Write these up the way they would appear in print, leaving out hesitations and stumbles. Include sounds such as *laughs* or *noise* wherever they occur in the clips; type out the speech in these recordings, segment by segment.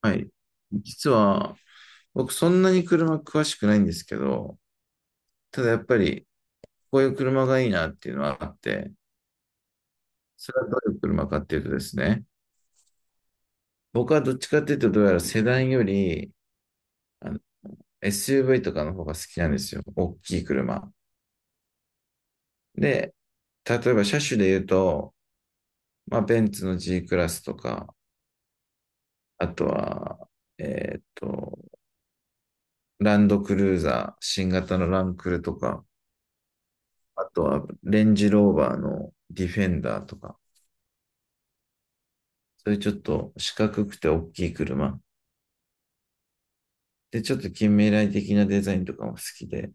はい。実は、僕そんなに車詳しくないんですけど、ただやっぱり、こういう車がいいなっていうのはあって、それはどういう車かっていうとですね、僕はどっちかっていうと、どうやらセダンより、あの、SUV とかの方が好きなんですよ。大きい車。で、例えば車種で言うと、まあ、ベンツの G クラスとか、あとは、えっと、ランドクルーザー、新型のランクルとか、あとはレンジローバーのディフェンダーとか、そういうちょっと四角くて大きい車。で、ちょっと近未来的なデザインとかも好きで、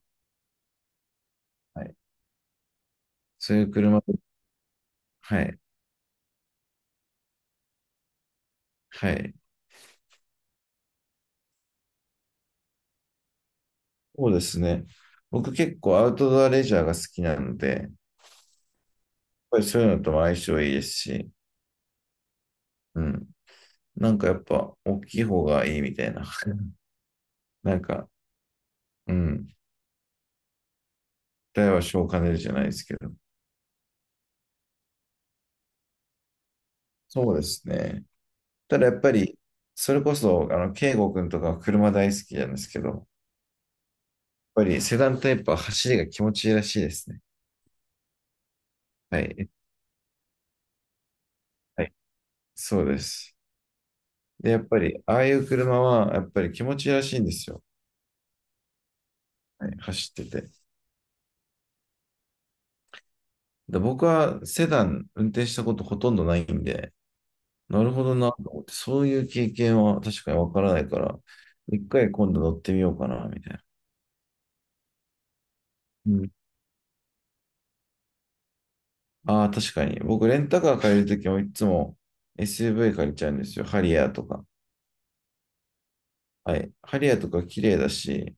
はい。そういう車、はい。はい。そうですね。僕結構アウトドアレジャーが好きなので、やっぱりそういうのとも相性いいですし、うん。なんかやっぱ大きい方がいいみたいな。*laughs* なんか、うん。大は小を兼ねるじゃないですけど。そうですね。ただやっぱり、それこそ、圭吾君とかは車大好きなんですけど、やっぱりセダンタイプは走りが気持ちいいらしいですね。はい、はい、そうです。で、やっぱり、ああいう車は、やっぱり気持ちいいらしいんですよ。はい、走ってて。で、僕はセダン運転したことほとんどないんで、なるほどなと思って、そういう経験は確かにわからないから、一回今度乗ってみようかな、みたいな。うん、ああ、確かに。僕、レンタカー借りるときもいつも SUV 借りちゃうんですよ。ハリアーとか。はい。ハリアーとか綺麗だし、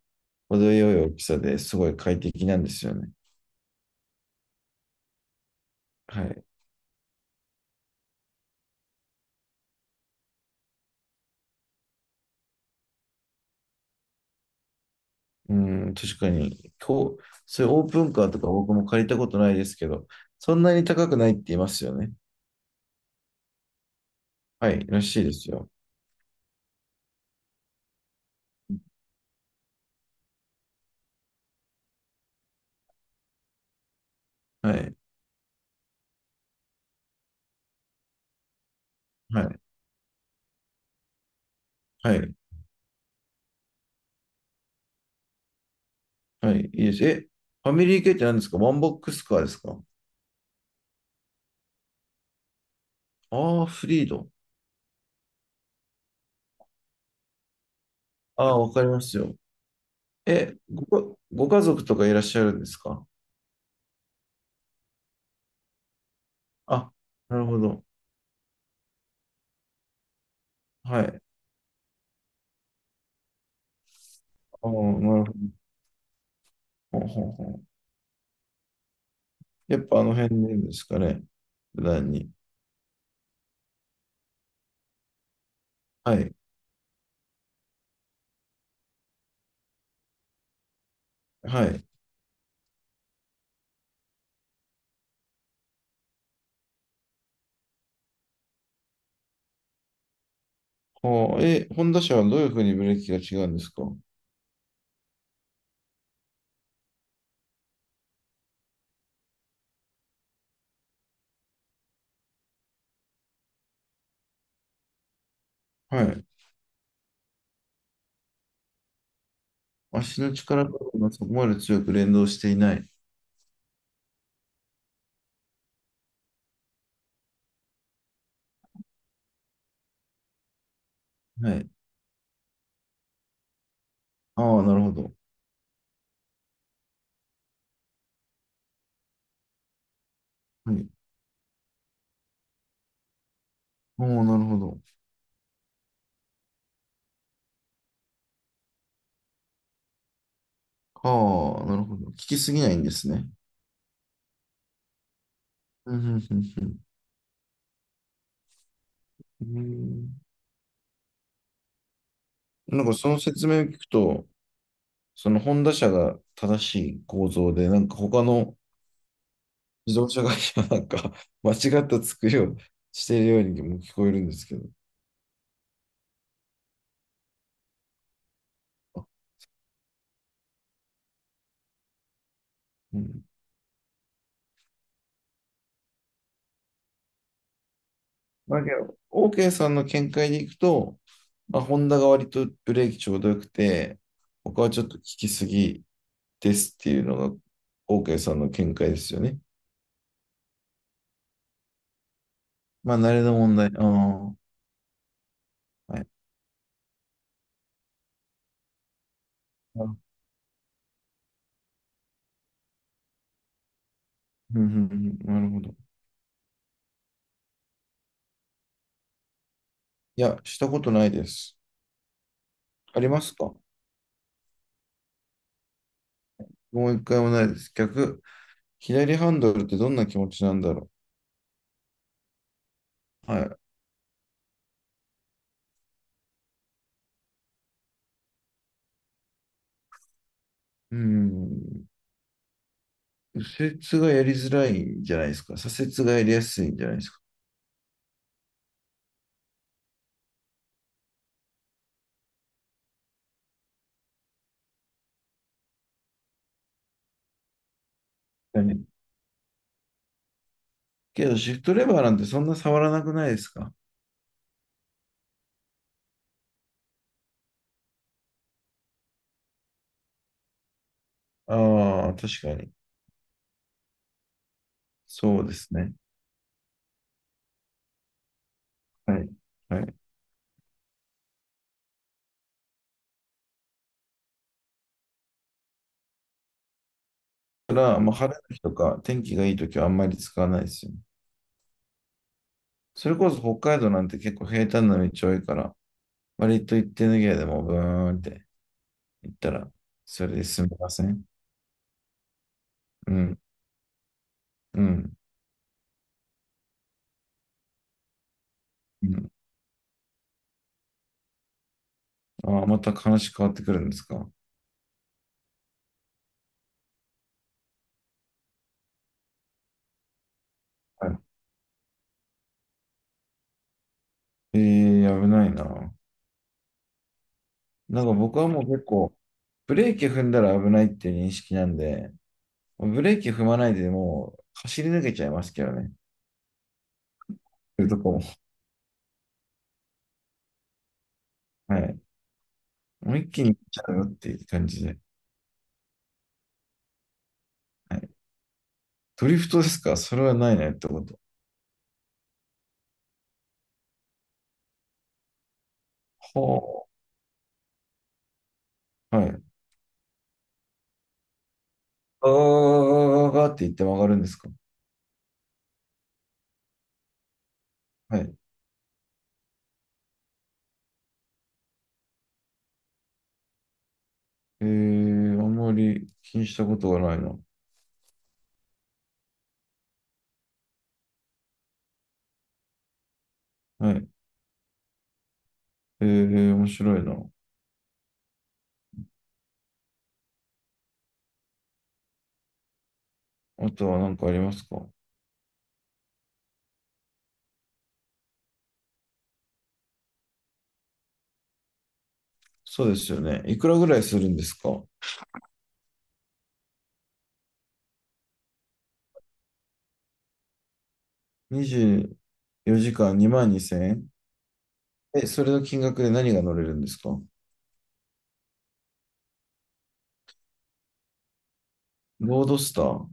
程よい大きさですごい快適なんですよね。はい。うん、確かに。こう、そういうオープンカーとか僕も借りたことないですけど、そんなに高くないって言いますよね。はい、らしいですよ。はい、はい、はい、はい、いいです。え、ファミリー系って何ですか？ワンボックスカーですか？ああー、フリード。ああ、わかりますよ。え、ご家族とかいらっしゃるんですか？あ、なるほど。はい。ああ、なるほど。ほうほうほう。やっぱあの辺でですかね？普段に。はい、はい。ああ、え、ホンダ車はどういうふうにブレーキが違うんですか？はい。足の力加減がそこまで強く連動していない。はい。ああ、なるほど。はい。ああ、なるほど。ああ、なるほど。効きすぎないんですね。うん、うん、うん。うんうん。なんかその説明を聞くと、そのホンダ車が正しい構造で、なんか他の自動車会社はなんか *laughs* 間違った作りをしているようにも聞こえるんですけど。あうん。だけど、OK さんの見解でいくと、まあ、ホンダが割とブレーキちょうどよくて、他はちょっと効きすぎですっていうのが OK さんの見解ですよね。まあ、慣れの問題。ああ、はい。あうんうんうん。なるほど。いや、したことないです。ありますか？もう一回もないです。逆、左ハンドルってどんな気持ちなんだろう。はい。うん。右折がやりづらいんじゃないですか？左折がやりやすいんじゃないですか？けど、シフトレバーなんてそんな触らなくないですか？ああ、確かに。そうですね。はい。はい。だから、まあ、晴れの日とか、天気がいい時はあんまり使わないですよね。それこそ北海道なんて結構平坦な道多いから、割と行ってぬけでもブーンって行ったら、それで済みません。うん、うん、うん。ああ、また話変わってくるんですか？はい。ええー、危ないな。なんか僕はもう結構、ブレーキ踏んだら危ないっていう認識なんで、ブレーキ踏まないでもう走り抜けちゃいますけどね。そういうとこも。はい。もう一気に行っちゃうよっていう感じで。はい。ドリフトですか？それはないねってこと。ほう。はい。あーがーって言って曲がるんですか？はい。えー、あんまり気にしたことがないな。はい。えー、面白いな。あとは何かありますか？そうですよね。いくらぐらいするんですか？ 24 時間2万2000円？えん、それの金額で何が乗れるんですか？ロードスター。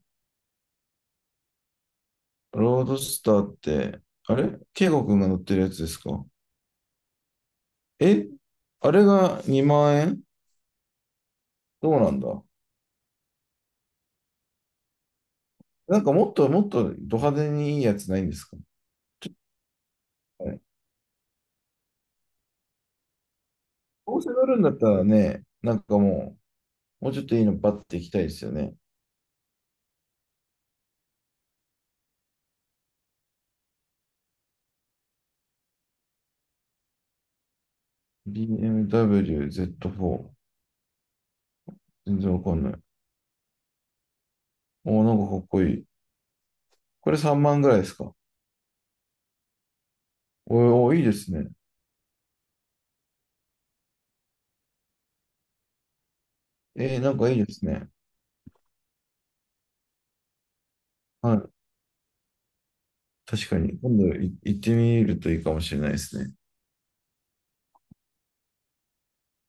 ロードスターって、あれケイゴくんが乗ってるやつですか？え、あれが2万円？どうなんだ。なんかもっともっとド派手にいいやつないんですか？はい。どうせ乗るんだったらね、なんかもう、もうちょっといいのバッて行きたいですよね。BMW Z4。全然わかんない。おー、なんかかっこいい。これ3万ぐらいですか？おーおー、いいですね。えー、なんかいいですね。はい。確かに。今度行ってみるといいかもしれないですね。